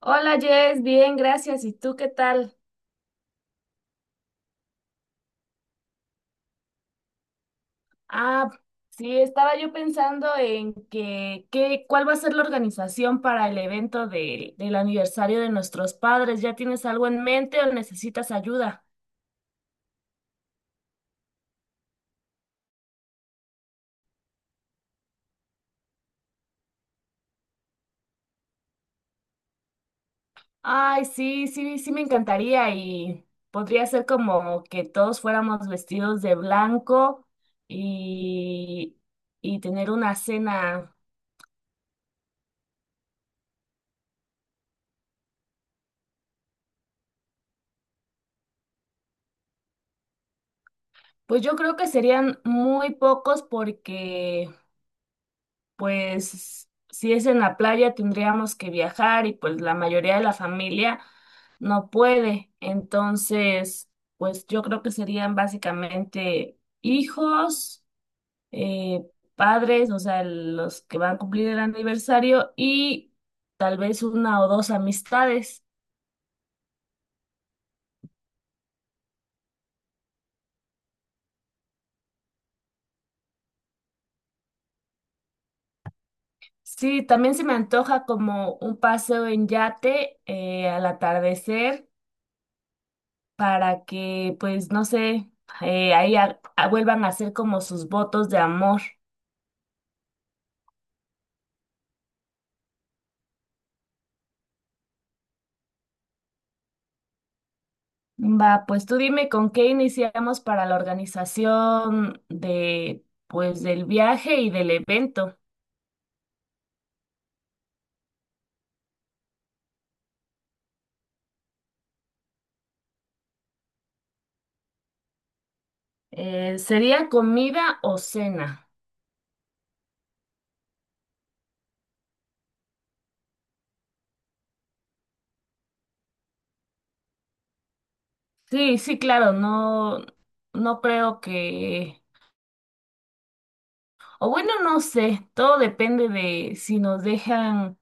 Hola Jess, bien, gracias. ¿Y tú qué tal? Ah, sí, estaba yo pensando en cuál va a ser la organización para el evento del aniversario de nuestros padres. ¿Ya tienes algo en mente o necesitas ayuda? Ay, sí, sí, sí me encantaría y podría ser como que todos fuéramos vestidos de blanco y, y tener una cena. Pues yo creo que serían muy pocos porque pues si es en la playa tendríamos que viajar y pues la mayoría de la familia no puede. Entonces, pues yo creo que serían básicamente hijos, eh, padres, o sea, los que van a cumplir el aniversario y tal vez una o dos amistades. Sí, también se me antoja como un paseo en yate al atardecer para que, pues, no sé, ahí vuelvan a hacer como sus votos de amor. Va, pues tú dime con qué iniciamos para la organización de, pues, del viaje y del evento. ¿Sería comida o cena? Sí, sí, claro, no, no creo que, o bueno, no sé, todo depende de si nos dejan,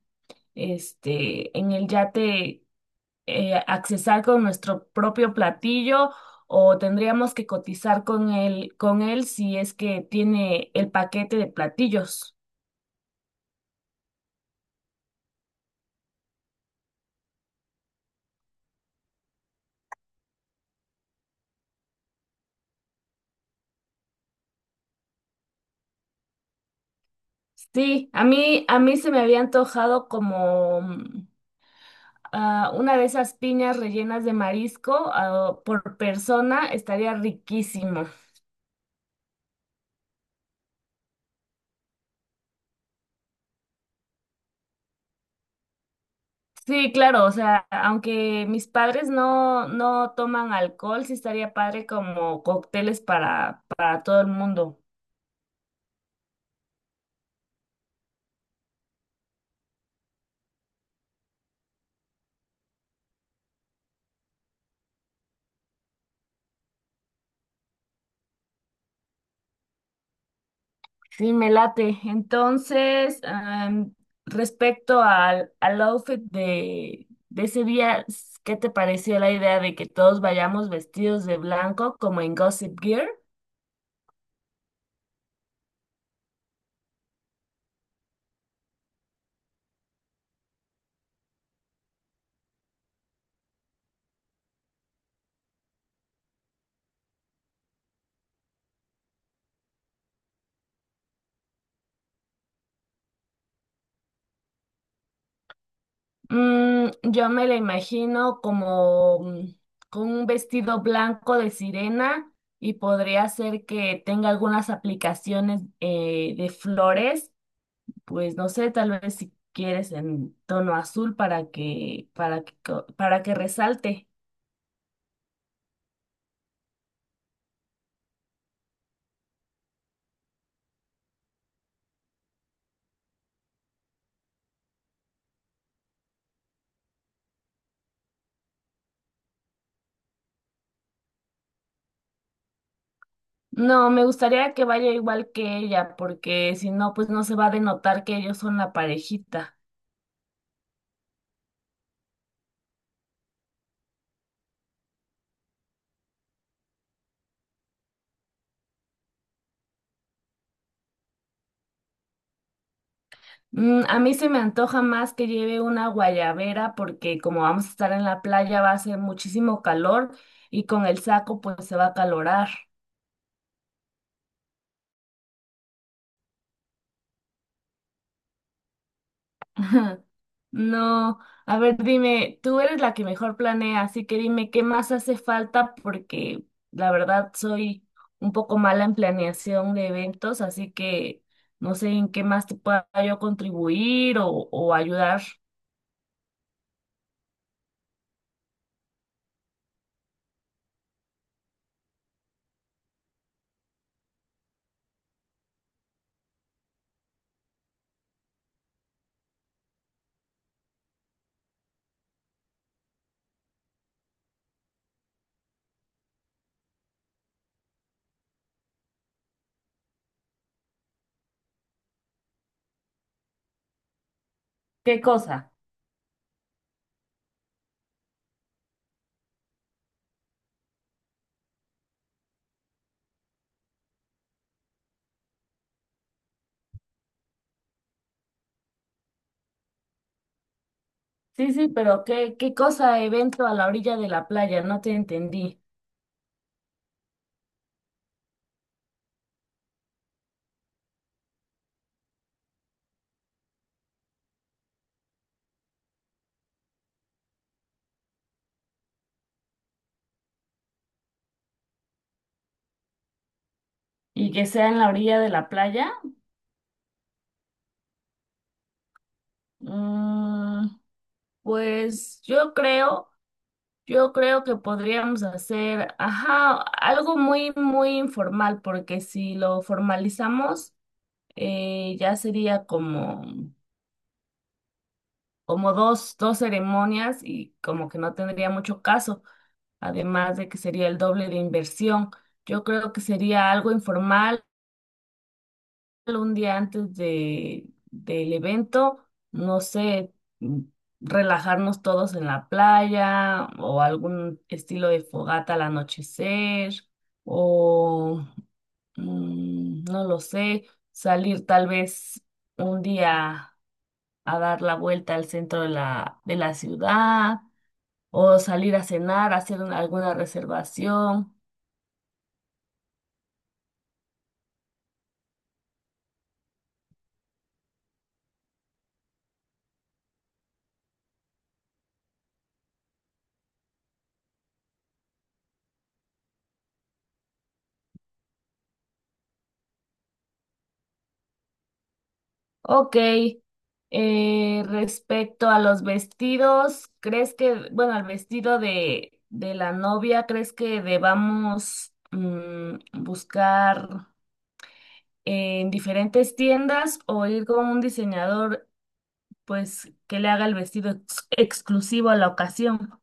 este, en el yate. Accesar con nuestro propio platillo o tendríamos que cotizar con él si es que tiene el paquete de platillos. Sí, a mí se me había antojado como una de esas piñas rellenas de marisco por persona. Estaría riquísimo. Sí, claro, o sea, aunque mis padres no, no toman alcohol, sí estaría padre como cócteles para todo el mundo. Sí, me late. Entonces, respecto al outfit de ese día, ¿qué te pareció la idea de que todos vayamos vestidos de blanco como en Gossip Gear? Yo me la imagino como con un vestido blanco de sirena y podría ser que tenga algunas aplicaciones de flores, pues no sé, tal vez si quieres en tono azul para que resalte. No, me gustaría que vaya igual que ella, porque si no, pues no se va a denotar que ellos son la parejita. Mm, a mí se me antoja más que lleve una guayabera, porque como vamos a estar en la playa va a hacer muchísimo calor y con el saco pues se va a calorar. Ajá. No, a ver, dime, tú eres la que mejor planea, así que dime qué más hace falta porque la verdad soy un poco mala en planeación de eventos, así que no sé en qué más te pueda yo contribuir o ayudar. ¿Qué cosa? Sí, sí, pero ¿qué, qué cosa evento a la orilla de la playa? No te entendí. ¿Y que sea en la orilla de la playa? Mm, pues yo creo. Yo creo que podríamos hacer, ajá, algo muy, muy informal, porque si lo formalizamos, ya sería como dos ceremonias y como que no tendría mucho caso, además de que sería el doble de inversión. Yo creo que sería algo informal, un día antes del evento, no sé, mm, relajarnos todos en la playa o algún estilo de fogata al anochecer o no lo sé, salir tal vez un día a dar la vuelta al centro de la ciudad o salir a cenar, alguna reservación. Ok, respecto a los vestidos, ¿crees que, bueno, al vestido de la novia, ¿crees que debamos buscar en diferentes tiendas o ir con un diseñador, pues, que le haga el vestido exclusivo a la ocasión?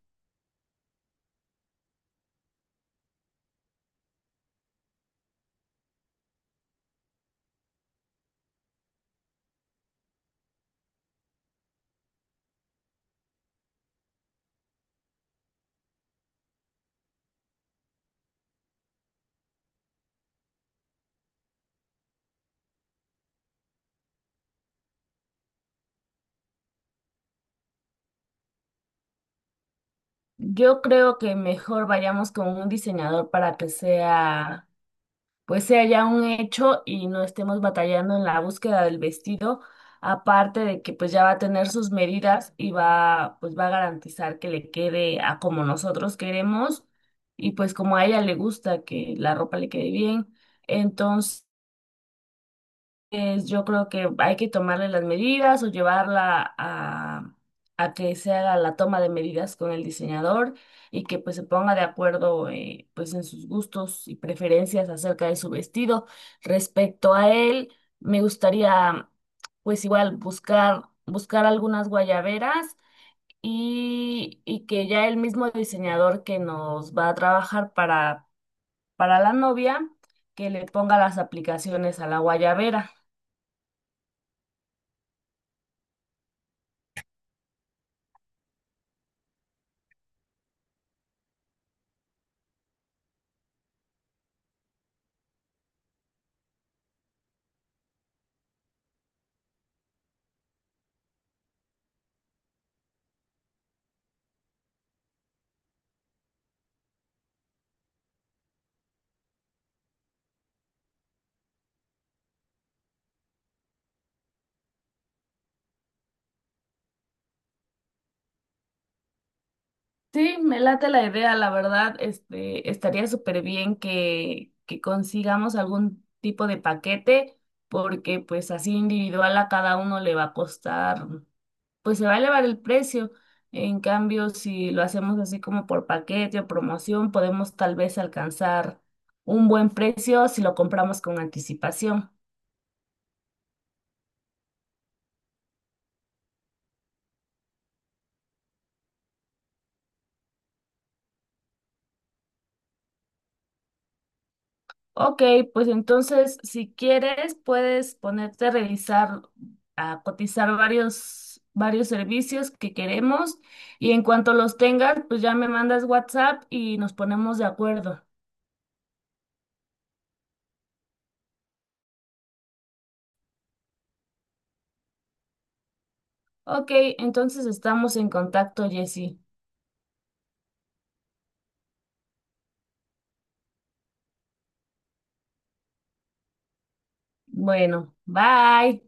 Yo creo que mejor vayamos con un diseñador para que sea ya un hecho y no estemos batallando en la búsqueda del vestido, aparte de que pues ya va a tener sus medidas y va a garantizar que le quede a como nosotros queremos y pues como a ella le gusta que la ropa le quede bien. Entonces, pues yo creo que hay que tomarle las medidas o llevarla a que se haga la toma de medidas con el diseñador y que pues se ponga de acuerdo pues en sus gustos y preferencias acerca de su vestido. Respecto a él, me gustaría pues igual buscar algunas guayaberas y que ya el mismo diseñador que nos va a trabajar para la novia, que le ponga las aplicaciones a la guayabera. Sí, me late la idea, la verdad, este, estaría súper bien que consigamos algún tipo de paquete, porque pues así individual a cada uno le va a costar, pues se va a elevar el precio. En cambio, si lo hacemos así como por paquete o promoción, podemos tal vez alcanzar un buen precio si lo compramos con anticipación. Ok, pues entonces, si quieres, puedes ponerte a revisar, a cotizar varios servicios que queremos y en cuanto los tengas, pues ya me mandas WhatsApp y nos ponemos de acuerdo. Ok, entonces estamos en contacto, Jessy. Bueno, bye.